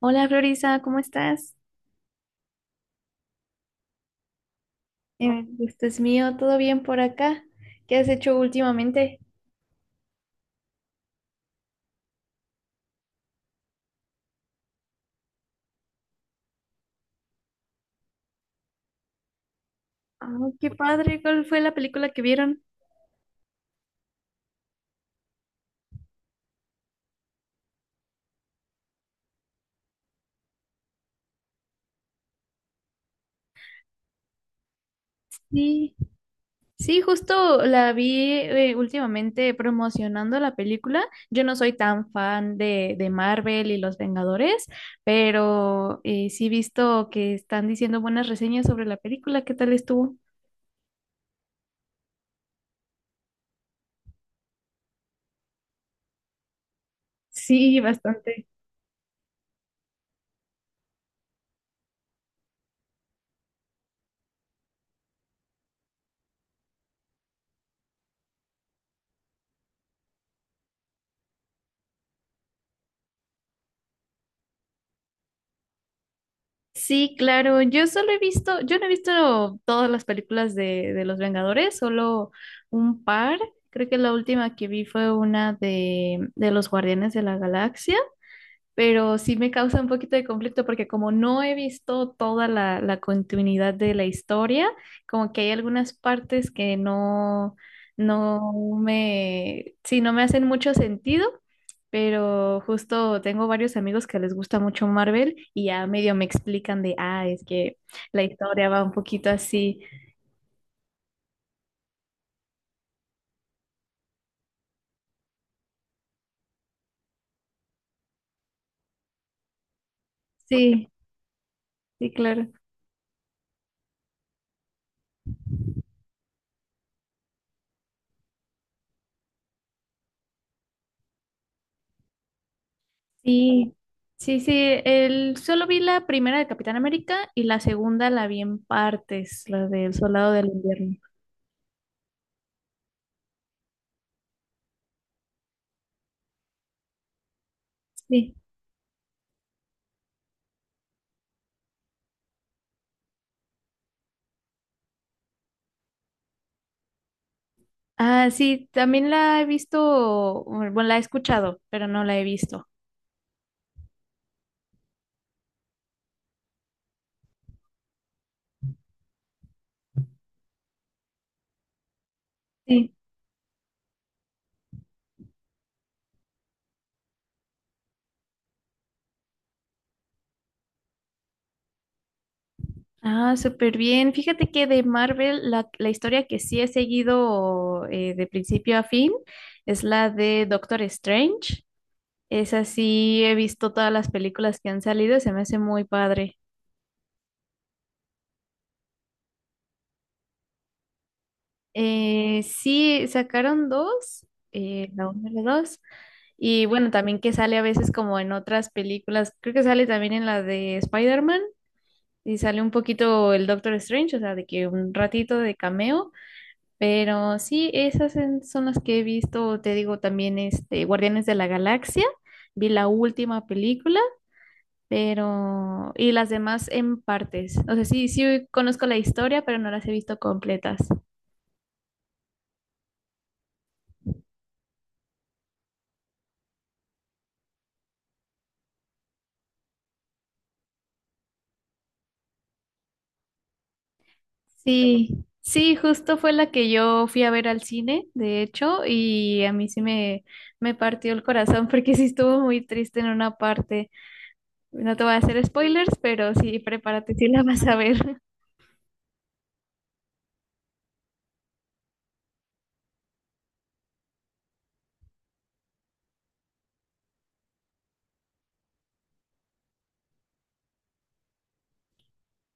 Hola Florisa, ¿cómo estás? Gusto es mío. ¿Todo bien por acá? ¿Qué has hecho últimamente? Ah, qué padre, ¿cuál fue la película que vieron? Sí, sí, justo la vi últimamente promocionando la película. Yo no soy tan fan de Marvel y los Vengadores, pero sí he visto que están diciendo buenas reseñas sobre la película. ¿Qué tal estuvo? Sí, bastante. Sí, claro. Yo solo he visto, yo no he visto todas las películas de los Vengadores, solo un par. Creo que la última que vi fue una de los Guardianes de la Galaxia, pero sí me causa un poquito de conflicto porque como no he visto toda la continuidad de la historia, como que hay algunas partes que no me, sí, no me hacen mucho sentido, pero justo tengo varios amigos que les gusta mucho Marvel y ya medio me explican de, ah, es que la historia va un poquito así. Sí, sí, claro. Sí, sí, sí, el, solo vi la primera de Capitán América y la segunda la vi en partes, la del Soldado del Invierno. Sí. Ah, sí, también la he visto, bueno, bueno, la he escuchado, pero no la he visto. Sí. Ah, súper bien. Fíjate que de Marvel, la historia que sí he seguido de principio a fin es la de Doctor Strange. Esa sí he visto todas las películas que han salido, se me hace muy padre. Sí, sacaron dos, la uno y la dos. Y bueno, también que sale a veces como en otras películas, creo que sale también en la de Spider-Man y sale un poquito el Doctor Strange, o sea, de que un ratito de cameo, pero sí, son las que he visto, te digo también este Guardianes de la Galaxia, vi la última película, pero y las demás en partes. O sea, sí, sí conozco la historia, pero no las he visto completas. Sí, sí, justo fue la que yo fui a ver al cine, de hecho, y a mí sí me partió el corazón porque sí estuvo muy triste en una parte. No te voy a hacer spoilers, pero sí, prepárate, sí la vas a ver.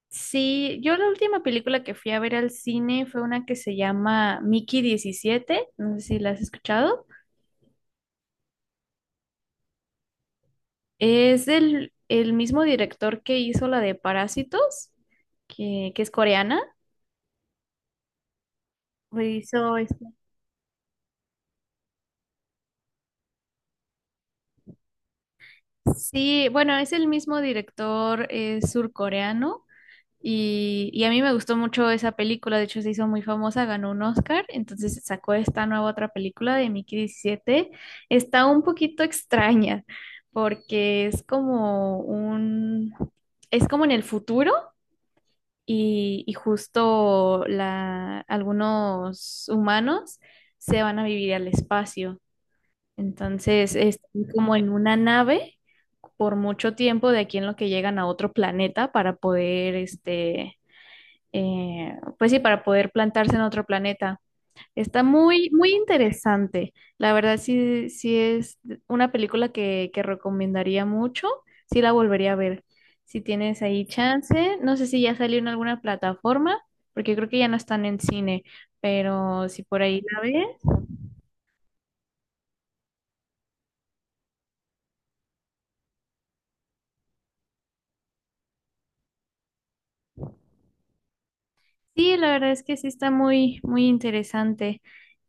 Sí, yo la última película que fui a ver al cine fue una que se llama Mickey diecisiete. No sé si la has escuchado. Es del el mismo director que hizo la de Parásitos, que es coreana. Hizo sí, bueno, es el mismo director surcoreano y a mí me gustó mucho esa película, de hecho se hizo muy famosa, ganó un Oscar, entonces sacó esta nueva otra película de Mickey 17. Está un poquito extraña porque es como en el futuro y justo la, algunos humanos se van a vivir al espacio, entonces es como en una nave por mucho tiempo de aquí en lo que llegan a otro planeta para poder, este, pues sí, para poder plantarse en otro planeta. Está muy, muy interesante. La verdad, sí, sí es una película que recomendaría mucho. Sí la volvería a ver. Si tienes ahí chance, no sé si ya salió en alguna plataforma, porque creo que ya no están en cine, pero si por ahí la ves. Sí, la verdad es que sí está muy, muy interesante,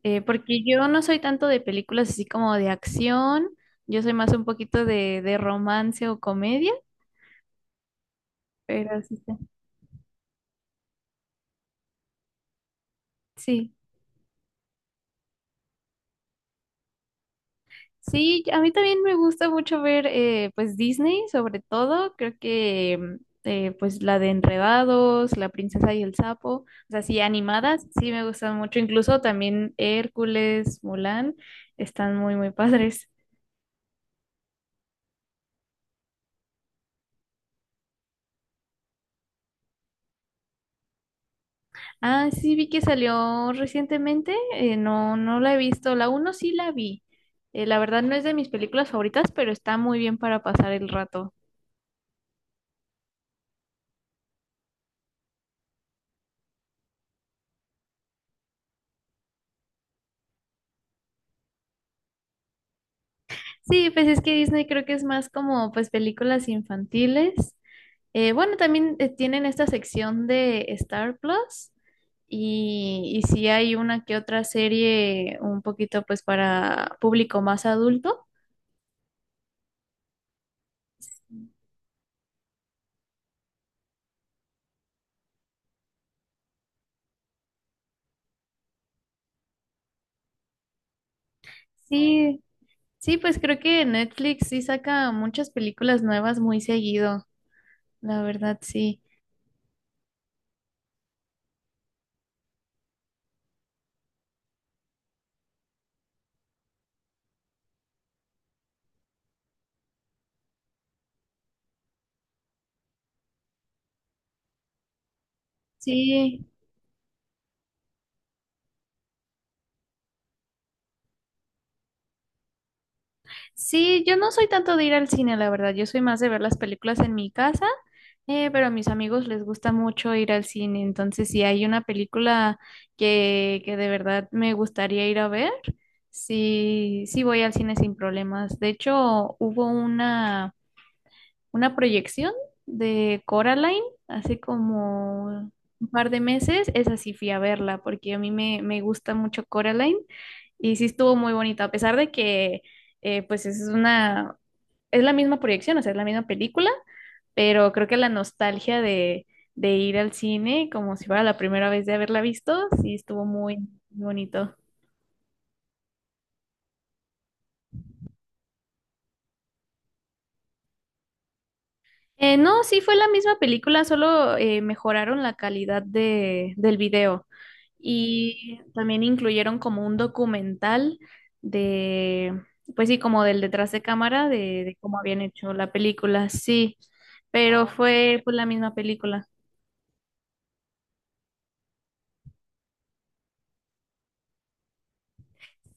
porque yo no soy tanto de películas así como de acción, yo soy más un poquito de romance o comedia, pero sí está. Sí, sí, a mí también me gusta mucho ver pues Disney, sobre todo. Creo que pues la de Enredados, La Princesa y el Sapo, o sea, sí, animadas, sí me gustan mucho, incluso también Hércules, Mulan, están muy, muy padres. Ah, sí, vi que salió recientemente. No, no la he visto. La uno sí la vi. La verdad no es de mis películas favoritas, pero está muy bien para pasar el rato. Sí, pues es que Disney creo que es más como pues películas infantiles. Bueno, también tienen esta sección de Star Plus y sí hay una que otra serie un poquito pues para público más adulto. Sí, sí, pues creo que Netflix sí saca muchas películas nuevas muy seguido. La verdad, sí. Sí, sí, yo no soy tanto de ir al cine, la verdad. Yo soy más de ver las películas en mi casa, pero a mis amigos les gusta mucho ir al cine. Entonces, si hay una película que de verdad me gustaría ir a ver, sí, sí voy al cine sin problemas. De hecho, hubo una proyección de Coraline hace como un par de meses. Esa sí fui a verla porque a mí me gusta mucho Coraline y sí estuvo muy bonito a pesar de que pues es la misma proyección, o sea, es la misma película, pero creo que la nostalgia de ir al cine como si fuera la primera vez de haberla visto, sí estuvo muy bonito. No, sí fue la misma película, solo mejoraron la calidad del video y también incluyeron como un documental de, pues sí, como del detrás de cámara de cómo habían hecho la película, sí, pero fue pues la misma película.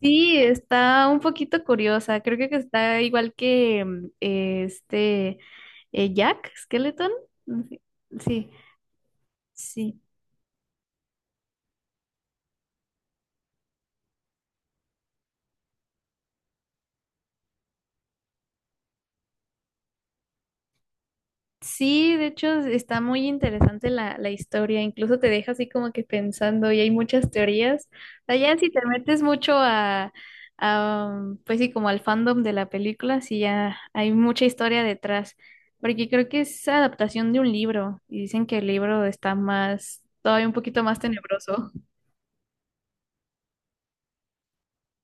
Sí, está un poquito curiosa, creo que está igual que Jack Skeleton, no sé, sí, sí. Sí, de hecho está muy interesante la historia, incluso te deja así como que pensando y hay muchas teorías. O sea, ya si te metes mucho pues sí, como al fandom de la película, sí ya hay mucha historia detrás, porque creo que es adaptación de un libro y dicen que el libro está más, todavía un poquito más tenebroso.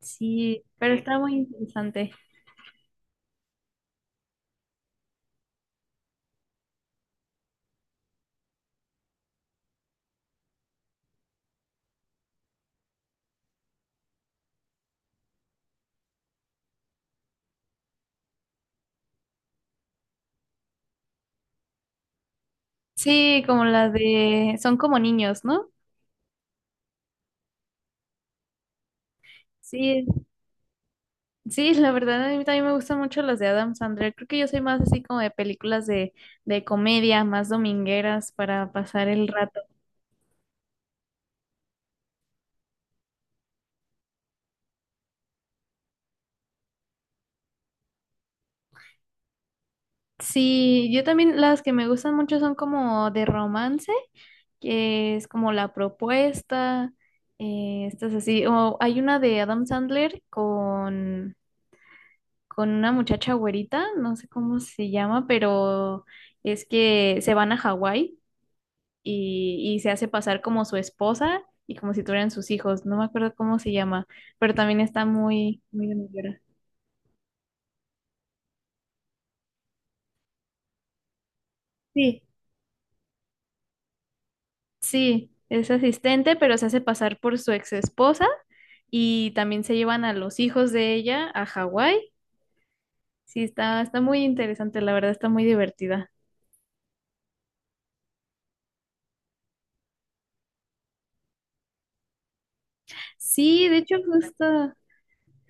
Sí, pero está muy interesante. Sí, como la de, son como niños, ¿no? Sí, sí, la verdad a mí también me gustan mucho las de Adam Sandler. Creo que yo soy más así como de películas de comedia, más domingueras para pasar el rato. Sí, yo también las que me gustan mucho son como de romance, que es como La Propuesta, estas así. O hay una de Adam Sandler con una muchacha güerita, no sé cómo se llama, pero es que se van a Hawái. Y, y se hace pasar como su esposa y como si tuvieran sus hijos. No me acuerdo cómo se llama, pero también está muy, muy de mollera. Sí, sí, es asistente, pero se hace pasar por su ex esposa y también se llevan a los hijos de ella a Hawái. Sí, está, está muy interesante, la verdad, está muy divertida. Sí, de hecho, justo,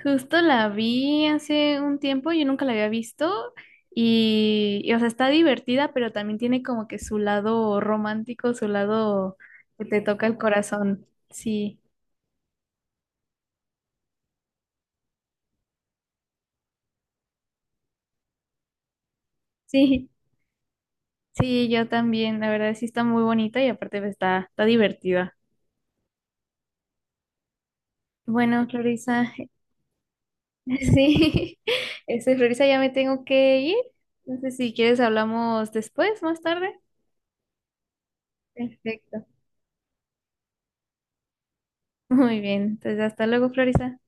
justo la vi hace un tiempo, yo nunca la había visto o sea, está divertida, pero también tiene como que su lado romántico, su lado que te toca el corazón. Sí, sí, sí, yo también, la verdad sí está muy bonita y aparte pues, está, está divertida. Bueno, Florisa, sí, este, Florisa, ya me tengo que ir. Entonces, si quieres, hablamos después, más tarde. Perfecto. Muy bien, entonces hasta luego, Florisa.